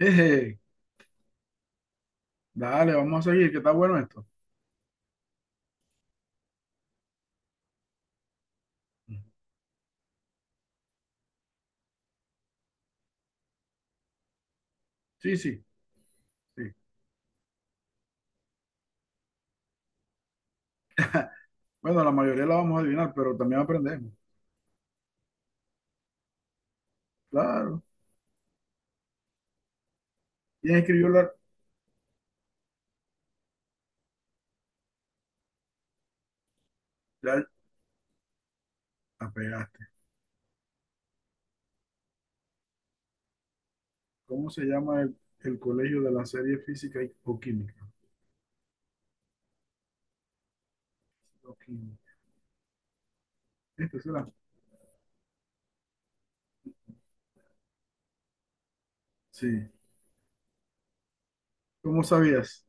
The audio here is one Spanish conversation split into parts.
Eje, dale, vamos a seguir, que está bueno esto. Sí, sí, sí. Bueno, la mayoría la vamos a adivinar, pero también aprendemos. Claro. ¿Quién escribió la... Ya la pegaste. ¿Cómo se llama el colegio de la serie física o química? O química. ¿Este será? Sí. ¿Cómo sabías?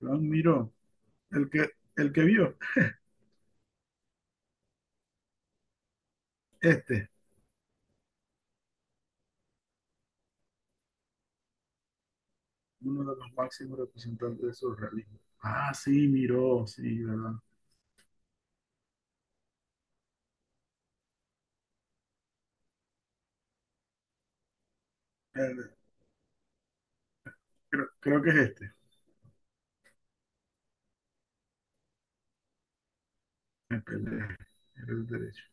Juan Miró. El que, el que vio. Este. Uno de los máximos representantes del surrealismo. Ah, sí, Miró. Sí, ¿verdad? El- creo que es este. Me peleé. Era el derecho.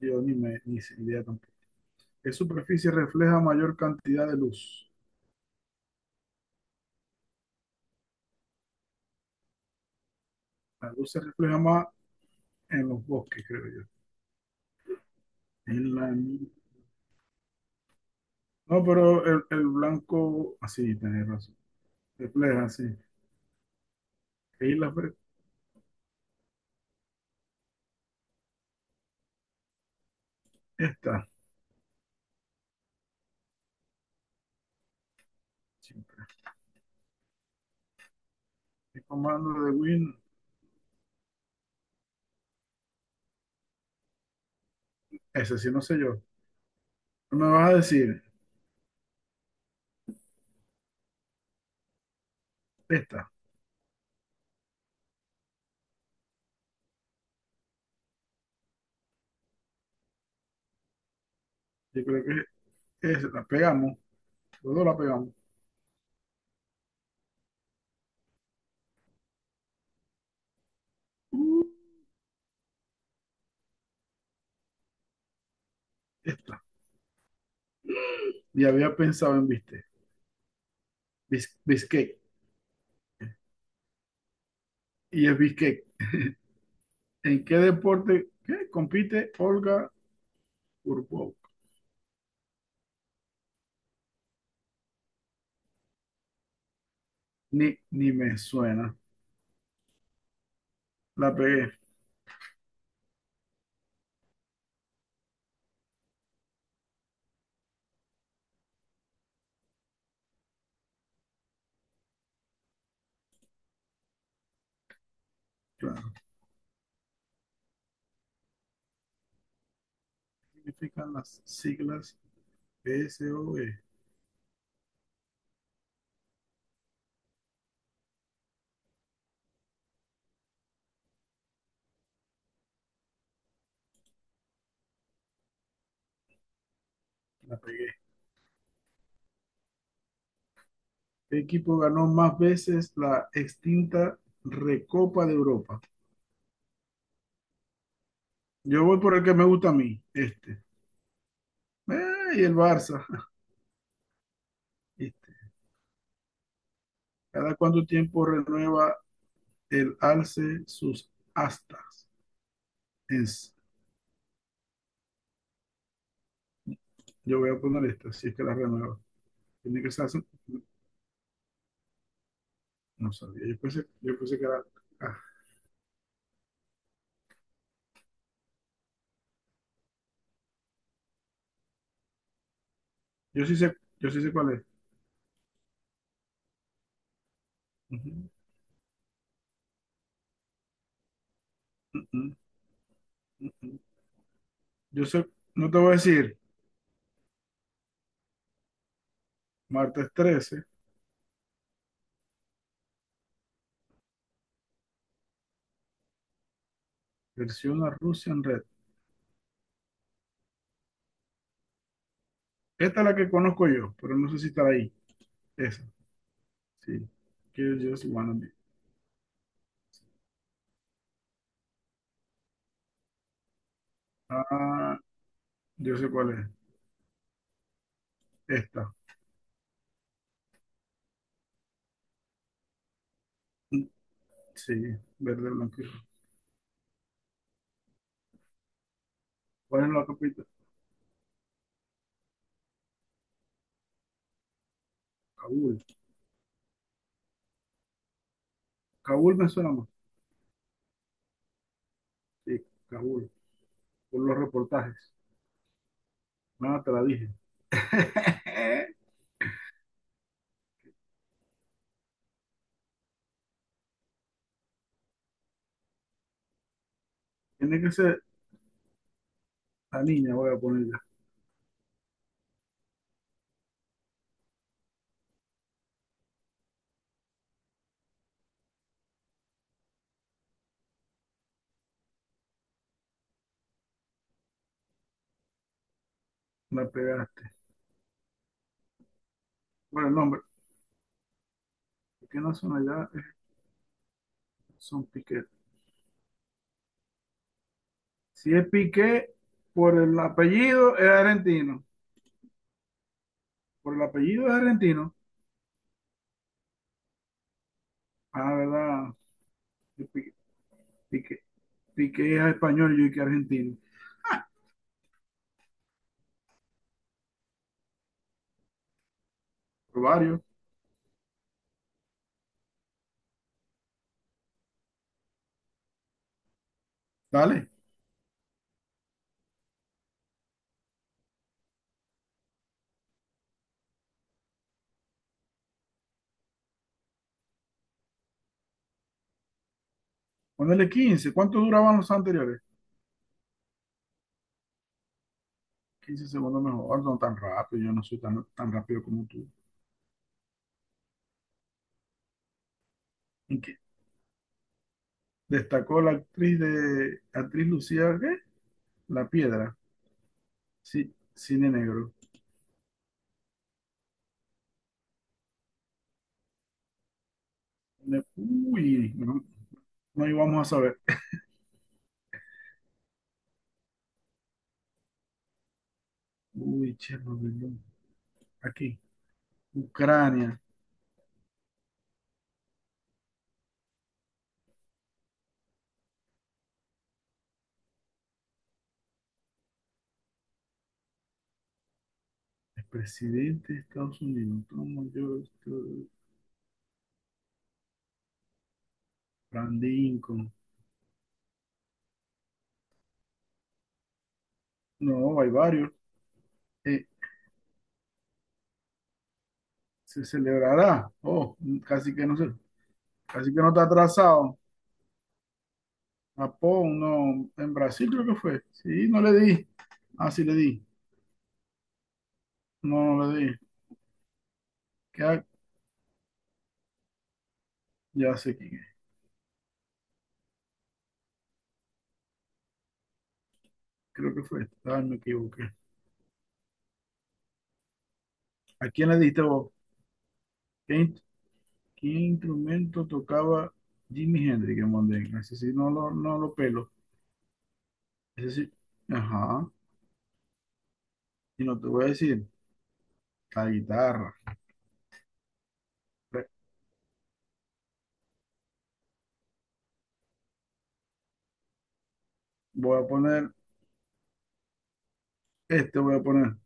Yo ni, me, Ni idea tampoco. ¿Qué superficie refleja mayor cantidad de luz? La luz se refleja más en los bosques, creo yo. En la- No, pero el blanco, así, tenés razón. Refleja, así. ¿Qué isla fue esta? Siempre. El comando de Win, ese sí, no sé yo. No me vas a decir esta. Yo creo que es, la pegamos. Los dos la pegamos. Esta. Y había pensado en viste. Biscay. Y es Biscay. ¿En qué deporte compite Olga Curvo? Ni me suena. La pegué, claro. ¿Qué significan las siglas PSOE? La pegué. ¿Qué equipo ganó más veces la extinta Recopa de Europa? Yo voy por el que me gusta a mí, este. Eh, y el Barça, este. ¿Cada cuánto tiempo renueva el alce sus astas? Es- yo voy a poner esta, si es que la renueva. Tiene que ser así. No sabía. Yo pensé que era. Ah, yo sí sé cuál es. Ujú. Mm, mm. Ujú. Yo sé, no te voy a decir, martes 13. Versión a Russian Red. Esta es la que conozco yo, pero no sé si está ahí. Esa, sí. Kill Just Wanna Be. Ah, yo sé cuál es. Esta, sí, verde, blanco y rojo. ¿Cuál es la capital? Kabul. Kabul me suena más. Sí, Kabul, por los reportajes. Nada, te la dije. Tiene que ser la niña, voy a ponerla. La pegaste. Bueno, el nombre. ¿Por qué no son allá? Son Piquet. Si es Piqué, por el apellido es argentino. Por el apellido es argentino. Ah, verdad. es Pi- Piqué, Piqué es español, yo y que argentino. Por varios. Dale. Ponele 15. ¿Cuánto duraban los anteriores? 15 segundos mejor. No tan rápido, yo no soy tan rápido como tú. ¿En qué? Destacó la actriz de actriz Lucía, ¿qué? La Piedra. Sí, cine negro. Uy, no, no íbamos a saber. Uy, Chernobyl. Aquí. Ucrania. El presidente de Estados Unidos, Thomas George. Abraham Lincoln. No, hay varios. Eh, se celebrará. Oh, casi que no sé, casi que no está atrasado. Japón, no. En Brasil creo que fue. Sí, no le di. Ah, sí le di. No, no le di. ¿Qué ha- Ya sé quién es. Creo que fue. Ah, me equivoqué. ¿A quién le diste vos? ¿Qué, in- ¿Qué instrumento tocaba Jimi Hendrix en Mondstadt? Ese sí no lo pelo. Ese sí. Ajá. Y no te voy a decir. La guitarra. Ve, voy a poner, este voy a poner.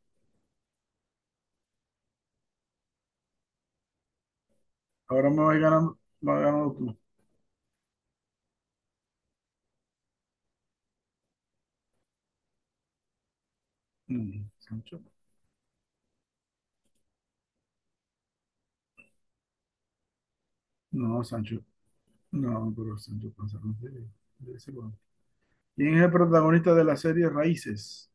Ahora me vas ganando, va ganando tú. Mm, Sancho. No, Sancho. No, pero Sancho Panza no es de ese juego. ¿Quién es el protagonista de la serie Raíces?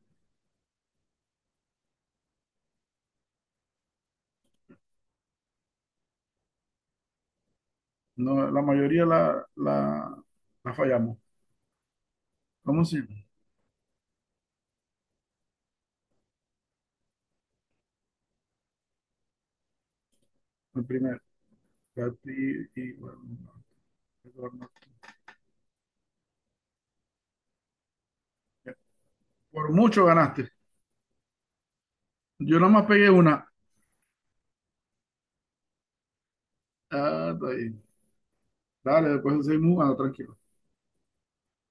No, la mayoría la fallamos. ¿Cómo se llama? El primero. Katy y, bueno, no, Eduardo. Por mucho ganaste. Yo nomás pegué una. Ah, está bien. Dale, después seguimos jugando, tranquilo.